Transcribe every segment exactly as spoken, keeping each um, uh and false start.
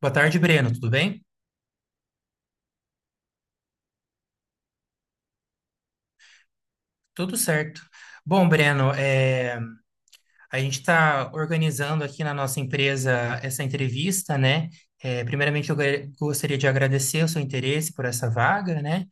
Boa tarde, Breno. Tudo bem? Tudo certo. Bom, Breno, é, a gente está organizando aqui na nossa empresa essa entrevista, né? É, primeiramente, eu gra- gostaria de agradecer o seu interesse por essa vaga, né?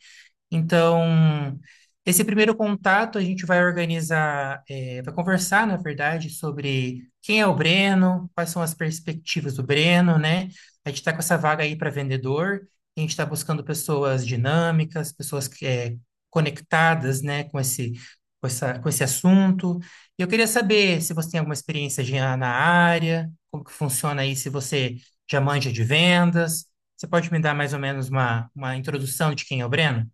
Então, esse primeiro contato a gente vai organizar, eh, vai conversar, na verdade, sobre quem é o Breno, quais são as perspectivas do Breno, né? A gente está com essa vaga aí para vendedor, a gente está buscando pessoas dinâmicas, pessoas que, eh, conectadas, né, com esse, com essa, com esse assunto. E eu queria saber se você tem alguma experiência já na área, como que funciona aí, se você já manja de vendas. Você pode me dar mais ou menos uma, uma introdução de quem é o Breno?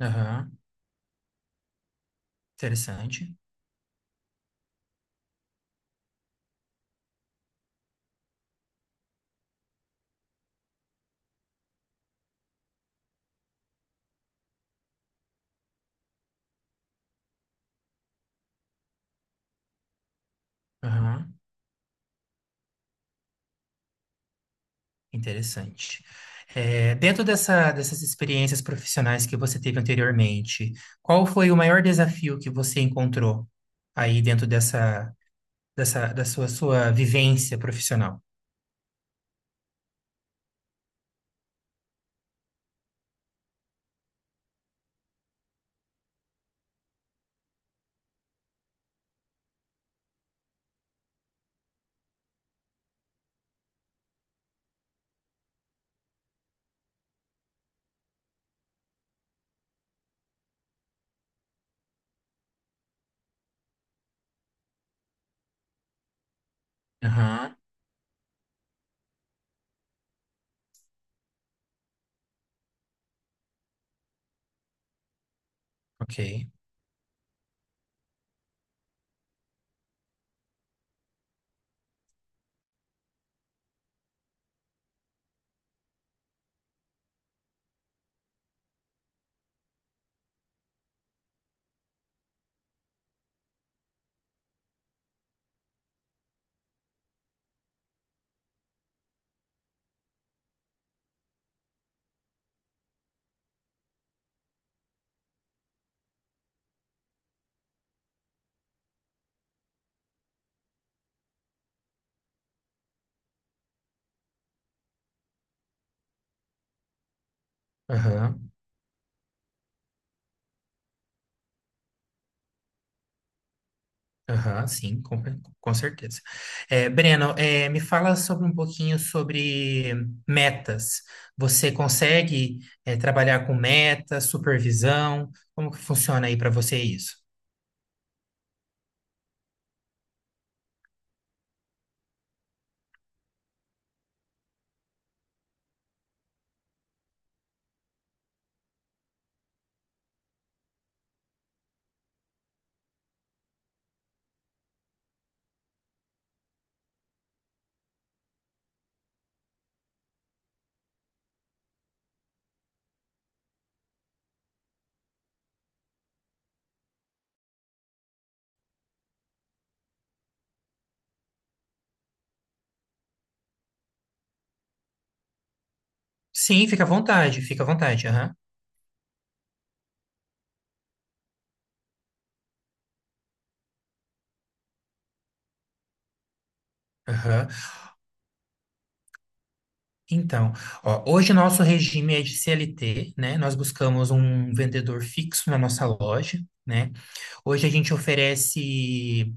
Aham, interessante. Aham, interessante. É, dentro dessa, dessas experiências profissionais que você teve anteriormente, qual foi o maior desafio que você encontrou aí dentro dessa, dessa, da sua, sua vivência profissional? Aham, ok. Aham. Aham, sim, com, com certeza. É, Breno, é, me fala sobre um pouquinho sobre metas. Você consegue, é, trabalhar com metas, supervisão? Como que funciona aí para você isso? Sim, fica à vontade, fica à vontade. Aham. Aham. Então, ó, hoje nosso regime é de C L T, né? Nós buscamos um vendedor fixo na nossa loja, né? Hoje a gente oferece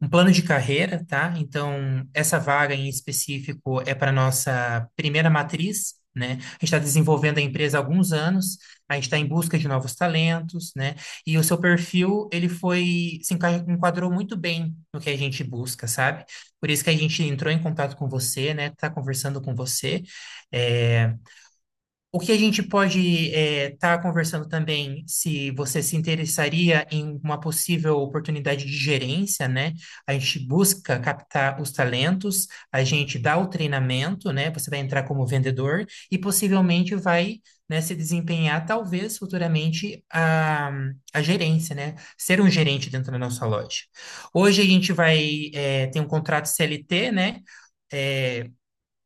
um plano de carreira, tá? Então, essa vaga em específico é para nossa primeira matriz, né? A gente está desenvolvendo a empresa há alguns anos, a gente está em busca de novos talentos, né? E o seu perfil, ele foi, se enca- enquadrou muito bem no que a gente busca, sabe? Por isso que a gente entrou em contato com você, né? Está conversando com você. É, o que a gente pode estar conversando também, se você se interessaria em uma possível oportunidade de gerência, né? A gente busca captar os talentos, a gente dá o treinamento, né? Você vai entrar como vendedor e possivelmente vai, né, se desempenhar, talvez futuramente, a, a gerência, né? Ser um gerente dentro da nossa loja. Hoje a gente vai, eh, ter um contrato C L T, né?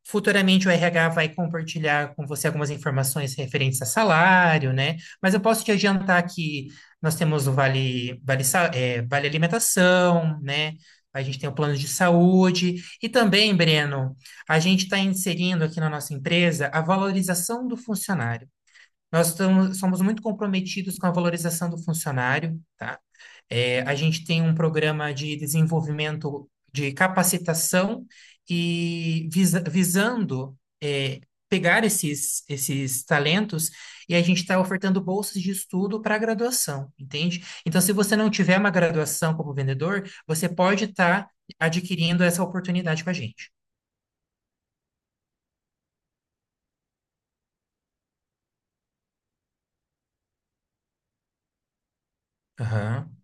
Futuramente o R H vai compartilhar com você algumas informações referentes a salário, né? Mas eu posso te adiantar que nós temos o Vale, vale, Sa- é, Vale Alimentação, né? A gente tem o plano de saúde. E também, Breno, a gente está inserindo aqui na nossa empresa a valorização do funcionário. Nós estamos, somos muito comprometidos com a valorização do funcionário, tá? É, a gente tem um programa de desenvolvimento de capacitação e visa- visando é, pegar esses, esses talentos e a gente está ofertando bolsas de estudo para graduação, entende? Então, se você não tiver uma graduação como vendedor, você pode estar adquirindo essa oportunidade com a gente. Aham,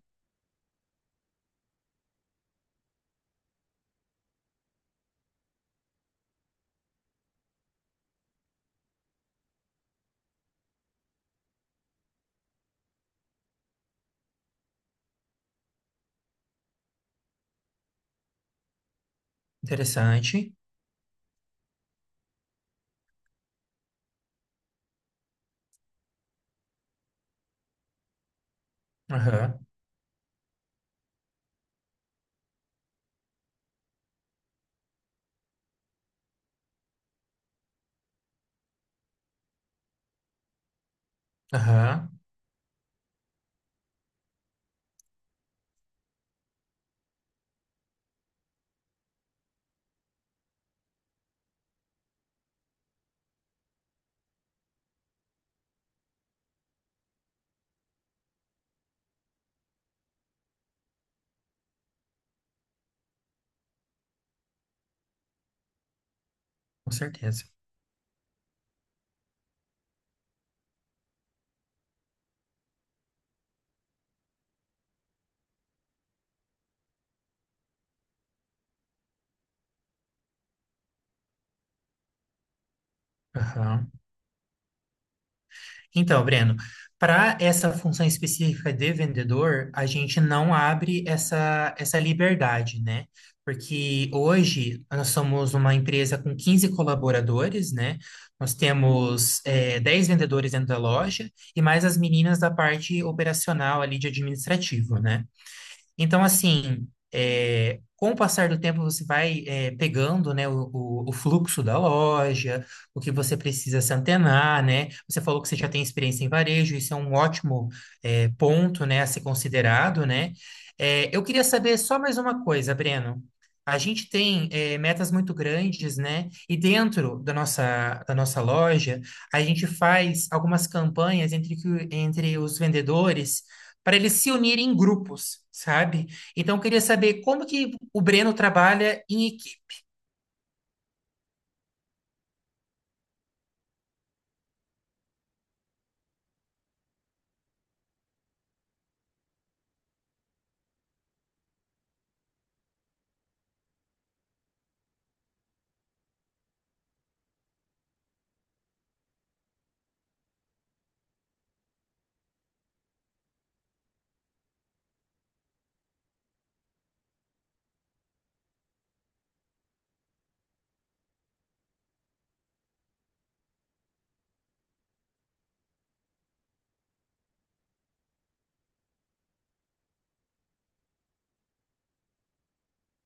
interessante. Aham, aham, com certeza. Aham. Então, Breno, para essa função específica de vendedor, a gente não abre essa, essa liberdade, né? Porque hoje nós somos uma empresa com quinze colaboradores, né? Nós temos eh, dez vendedores dentro da loja e mais as meninas da parte operacional ali de administrativo, né? Então, assim, é, com o passar do tempo, você vai é, pegando, né, o, o- o fluxo da loja, o que você precisa se antenar, né? Você falou que você já tem experiência em varejo, isso é um ótimo é, ponto, né, a ser considerado, né? É, eu queria saber só mais uma coisa, Breno. A gente tem é, metas muito grandes, né? E dentro da nossa, da nossa loja, a gente faz algumas campanhas entre, que- entre os vendedores para eles se unirem em grupos, sabe? Então, eu queria saber como que o Breno trabalha em equipe.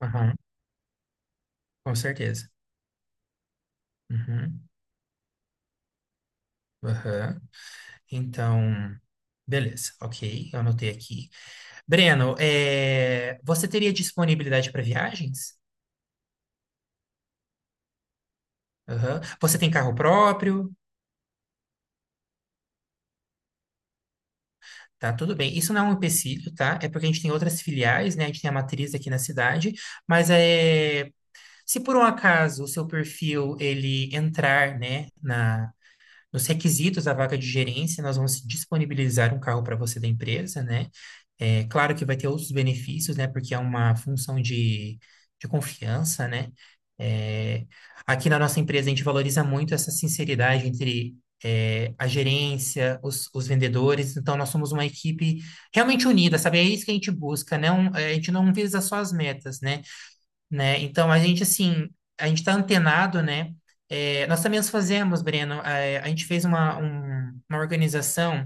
Aham, com certeza. Uhum, aham. Então, beleza, ok, eu anotei aqui. Breno, é, você teria disponibilidade para viagens? Aham. Você tem carro próprio? Tá, tudo bem. Isso não é um empecilho, tá? É porque a gente tem outras filiais, né? A gente tem a matriz aqui na cidade, mas é, se por um acaso o seu perfil ele entrar, né, na nos requisitos da vaga de gerência, nós vamos disponibilizar um carro para você da empresa, né? É, claro que vai ter outros benefícios, né? Porque é uma função de, de confiança, né? É, Aqui na nossa empresa, a gente valoriza muito essa sinceridade entre é, a gerência, os, os vendedores. Então, nós somos uma equipe realmente unida, sabe? É isso que a gente busca, né? Um- a gente não visa só as metas, né? né? Então, a gente, assim, a gente está antenado, né? É, nós também os fazemos, Breno. É, a gente fez uma, um- uma organização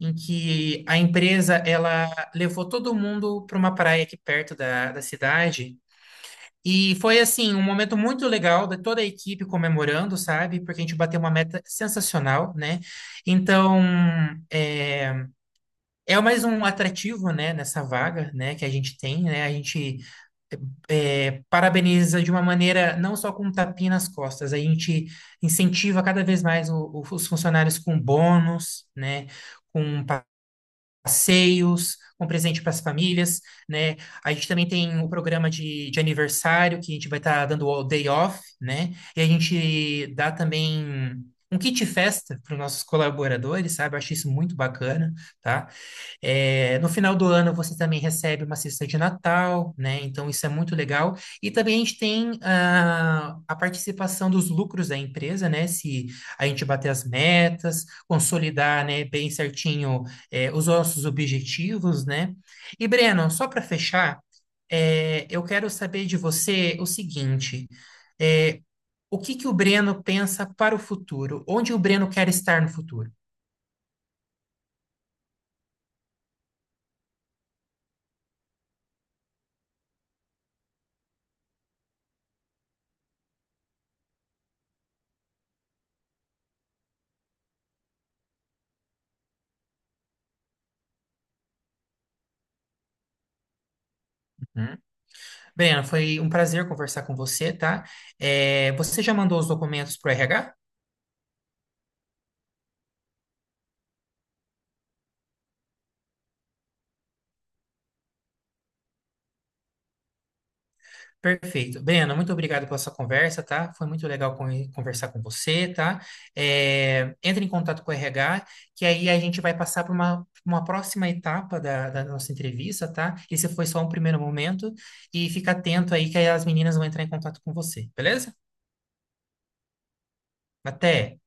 em que a empresa ela levou todo mundo para uma praia aqui perto da, da cidade. E foi assim, um momento muito legal de toda a equipe comemorando, sabe? Porque a gente bateu uma meta sensacional, né? Então, é, é mais um atrativo, né, nessa vaga, né, que a gente tem, né? A gente é, parabeniza de uma maneira, não só com um tapinha nas costas, a gente incentiva cada vez mais o- o- os funcionários com bônus, né, com pa- passeios, com presente para as famílias, né, a gente também tem o programa de, de aniversário, que a gente vai estar dando o day off, né, e a gente dá também... Um kit festa para os nossos colaboradores, sabe? Eu acho isso muito bacana, tá? É, no final do ano você também recebe uma cesta de Natal, né? Então isso é muito legal. E também a gente tem ah, a participação dos lucros da empresa, né? Se a gente bater as metas, consolidar, né, bem certinho eh, os nossos objetivos, né? E Breno, só para fechar, eh, eu quero saber de você o seguinte: eh, o que que o Breno pensa para o futuro? Onde o Breno quer estar no futuro? Breno, foi um prazer conversar com você, tá? É, você já mandou os documentos para o R H? Perfeito. Breno, muito obrigado pela sua conversa, tá? Foi muito legal con- conversar com você, tá? É, entre em contato com o R H, que aí a gente vai passar para uma, uma próxima etapa da, da nossa entrevista, tá? Esse foi só um primeiro momento. E fica atento aí que aí as meninas vão entrar em contato com você, beleza? Até!